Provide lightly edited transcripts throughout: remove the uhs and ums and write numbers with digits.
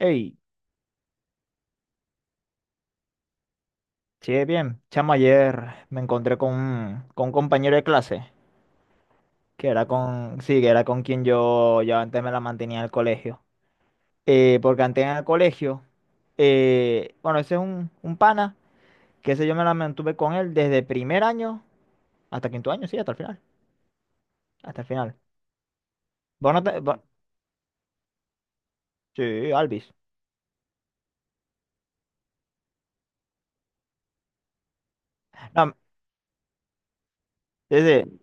Hey, sí, bien. Chamo, ayer me encontré con un compañero de clase, que era con, sí, que era con quien yo antes me la mantenía en el colegio. Porque antes en el colegio, bueno, ese es un pana, que ese yo me la mantuve con él desde primer año hasta quinto año, sí, hasta el final. Hasta el final. Vos no te- vos- sí, Alvis. No, sí, sí,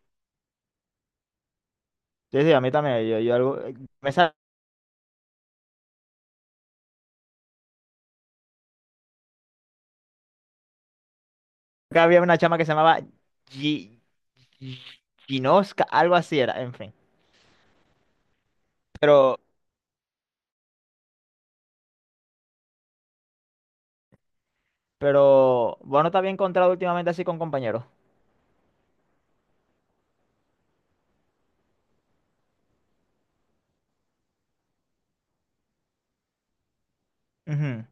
sí, sí, a mí también. Yo algo, me sa- acá había una chama que se llamaba Gi- Gi- Ginoska, algo así era, en fin. Pero bueno, te había encontrado últimamente así con compañeros. Ujú.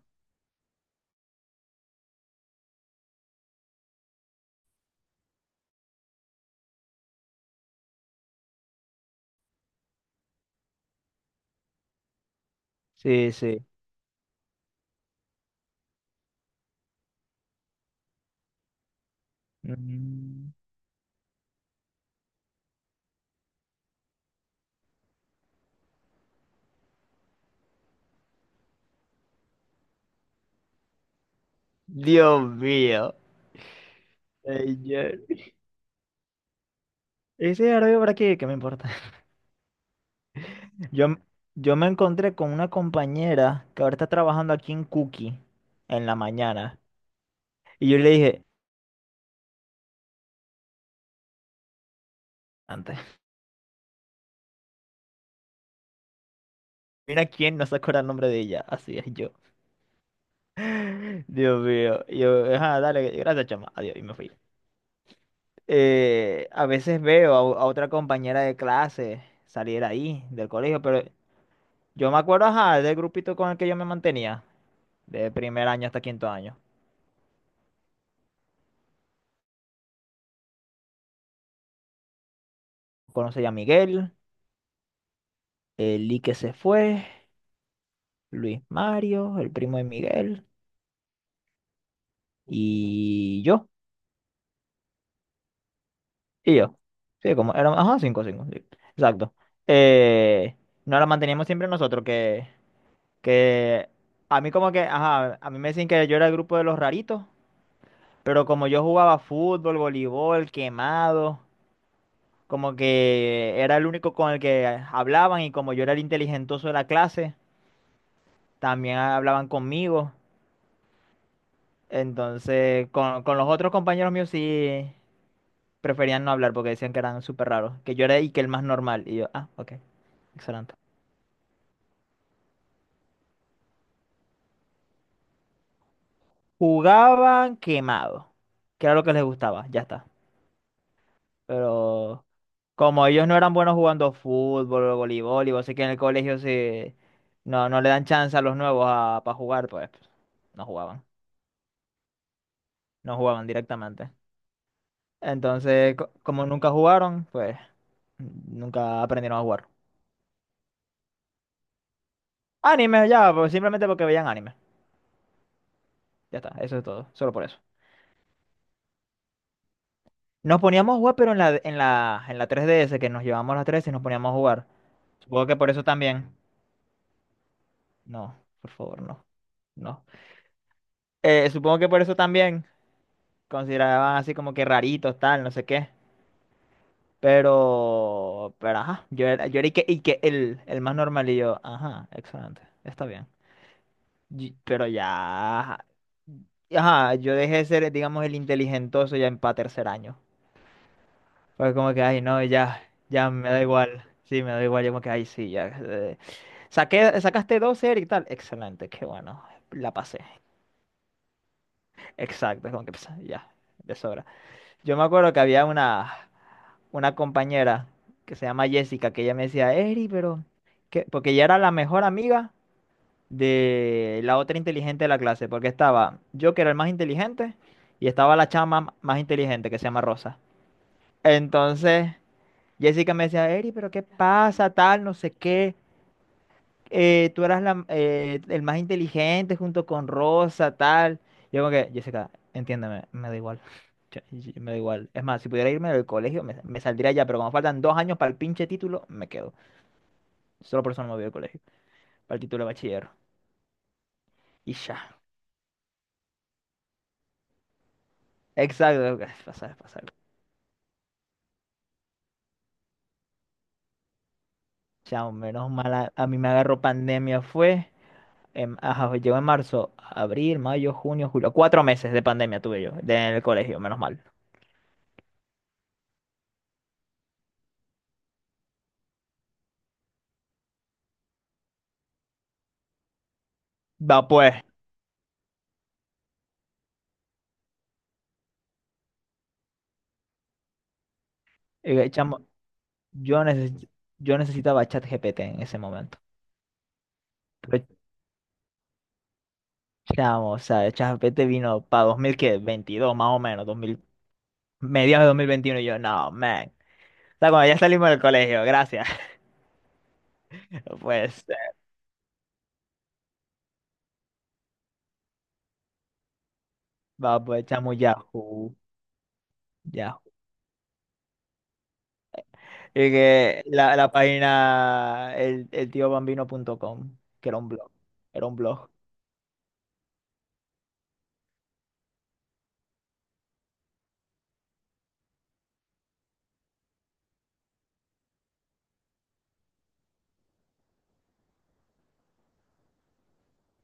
Sí, sí. Mm. Dios mío. Señor. Ese ahora vivo por aquí, ¿qué me importa? Yo, m- yo me encontré con una compañera que ahora está trabajando aquí en Cookie en la mañana. Y yo le dije, antes, mira quién no se acuerda el nombre de ella. Así es yo. Dios mío. Y yo, ajá, dale, gracias, chama. Adiós. Y me fui. A veces veo a otra compañera de clase salir ahí del colegio, pero yo me acuerdo, ajá, del grupito con el que yo me mantenía, de primer año hasta quinto año. Conocí a Miguel, el Lee que se fue, Luis Mario, el primo de Miguel, y yo, y yo. Sí, como éramos, ajá, cinco, cinco, sí. Exacto. Eh, Nos la manteníamos siempre nosotros, que a mí como que, ajá, a mí me decían que yo era el grupo de los raritos, pero como yo jugaba fútbol, voleibol, quemado. Como que era el único con el que hablaban y como yo era el inteligentoso de la clase, también hablaban conmigo. Entonces, con los otros compañeros míos sí preferían no hablar porque decían que eran súper raros, que yo era y que el más normal. Y yo, ah, ok, excelente. Jugaban quemado, que era lo que les gustaba, ya está. Pero como ellos no eran buenos jugando fútbol o voleibol, y vos sé que en el colegio se, no, no le dan chance a los nuevos para jugar, pues no jugaban. No jugaban directamente. Entonces, como nunca jugaron, pues nunca aprendieron a jugar. Anime, ya, pues simplemente porque veían anime. Ya está, eso es todo, solo por eso. Nos poníamos a jugar, pero en la 3DS, que nos llevamos las 3 y nos poníamos a jugar. Supongo que por eso también. No, por favor, no, no. Supongo que por eso también consideraban así como que raritos, tal, no sé qué. Pero ajá, yo era y que el más normal y yo, ajá, excelente, está bien. Pero ya, ajá, yo dejé de ser, digamos, el inteligentoso ya en pa' tercer año. Fue como que, ay, no, ya, ya me da igual. Sí, me da igual, yo como que, ay, sí, ya. Sacaste 12 Eric, tal. Excelente, qué bueno, la pasé. Exacto, es como que, pues, ya, de sobra. Yo me acuerdo que había una compañera que se llama Jessica, que ella me decía, Eri, pero, ¿qué? Porque ella era la mejor amiga de la otra inteligente de la clase, porque estaba yo que era el más inteligente y estaba la chama más inteligente que se llama Rosa. Entonces, Jessica me decía, Eri, pero ¿qué pasa? Tal, no sé qué. Tú eras la- el más inteligente junto con Rosa, tal. Yo como que, Jessica, entiéndeme, me da igual. Me da igual. Es más, si pudiera irme del colegio, me saldría ya, pero como faltan 2 años para el pinche título, me quedo. Solo por eso no me voy al colegio, para el título de bachiller. Y ya. Exacto, pasar, pasar. Chao, menos mal, a mí me agarró pandemia, fue, en, ajá, llegó en marzo, abril, mayo, junio, julio, 4 meses de pandemia tuve yo de- en el colegio, menos mal. Va pues, chamo, yo, neces- yo necesitaba ChatGPT en ese momento. Pero, chamo, o sea, ChatGPT vino para 2022, más o menos, 2000, mediados de 2021, y yo, no, man. O sea, cuando ya salimos del colegio, gracias. Pues, va pues, chamo, Yahoo, Yahoo. Y que la página eltiobambino.com, que era un blog. Era un blog.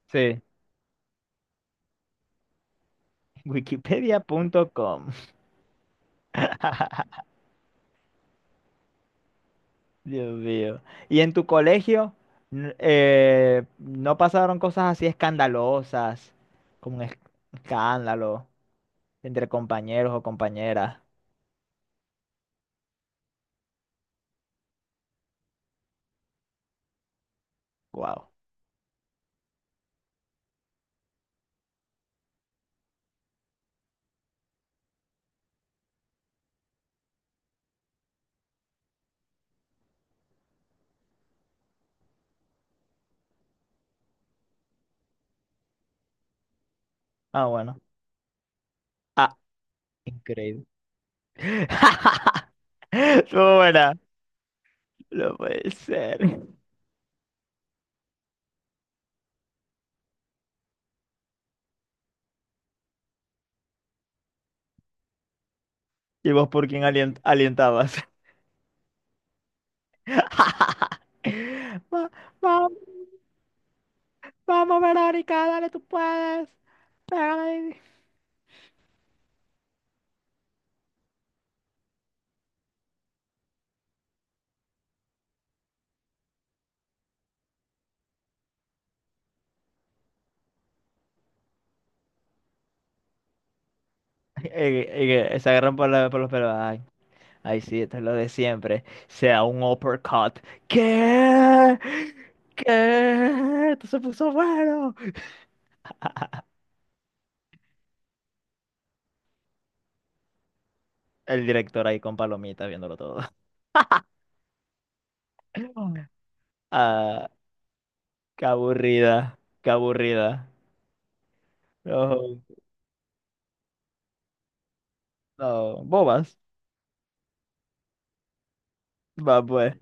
Sí. Wikipedia.com. Dios mío. ¿Y en tu colegio no pasaron cosas así escandalosas, como un escándalo entre compañeros o compañeras? Wow. Ah, bueno. Ah, increíble. Estuvo buena. No puede ser. ¿Y vos por quién alientabas? Va- va- vamos, Verónica, dale, tú puedes. Pégale. Y que se agarran por los pelos. Ay, ay, sí, esto es lo de siempre. Sea un uppercut. ¿Qué? ¿Qué? Esto se puso bueno. El director ahí con palomitas viéndolo todo. Ah, qué aburrida, qué aburrida. No, no, bobas. Va pues,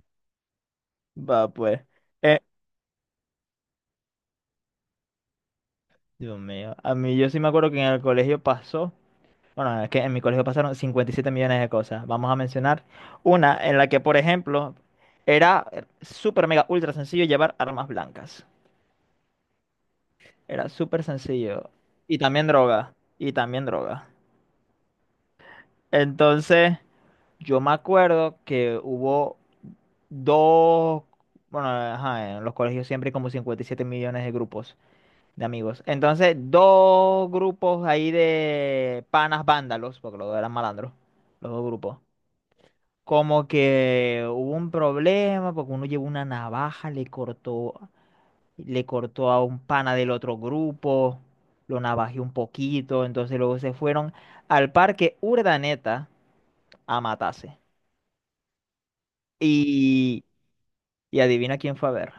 va pues. Eh, Dios mío, a mí yo sí me acuerdo que en el colegio pasó. Bueno, es que en mi colegio pasaron 57 millones de cosas. Vamos a mencionar una en la que, por ejemplo, era súper mega ultra sencillo llevar armas blancas. Era súper sencillo. Y también droga. Y también droga. Entonces, yo me acuerdo que hubo dos, bueno, ajá, en los colegios siempre hay como 57 millones de grupos de amigos. Entonces, dos grupos ahí de panas vándalos, porque los dos eran malandros, los dos grupos. Como que hubo un problema porque uno llevó una navaja, le cortó a un pana del otro grupo, lo navajeó un poquito, entonces luego se fueron al parque Urdaneta a matarse. Y, y adivina quién fue a ver.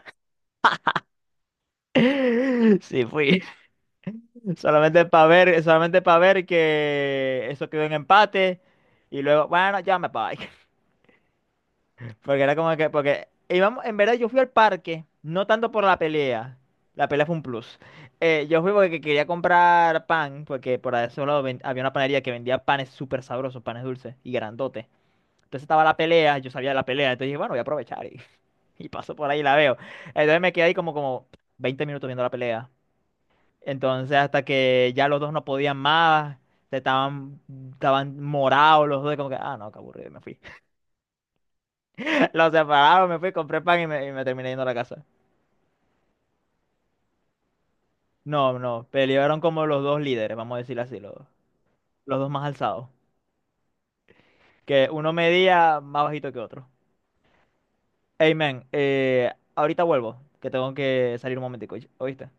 Sí, fui. Solamente para ver que eso quedó en empate. Y luego, bueno, ya me voy. Porque era como que, porque íbamos, en verdad yo fui al parque, no tanto por la pelea fue un plus. Yo fui porque quería comprar pan, porque por ahí había una panadería que vendía panes súper sabrosos, panes dulces y grandotes. Entonces estaba la pelea, yo sabía de la pelea, entonces dije, bueno, voy a aprovechar y, y paso por ahí y la veo. Entonces me quedé ahí como, como 20 minutos viendo la pelea. Entonces hasta que ya los dos no podían más, estaban, estaban morados los dos, como que, ah, no, qué aburrido, y me fui. Los separaron, me fui, compré pan y y me terminé yendo a la casa. No, no, pelearon como los dos líderes, vamos a decirlo así, los dos más alzados. Que uno medía más bajito que otro. Hey, man, ahorita vuelvo, que tengo que salir un momentico, ¿oíste?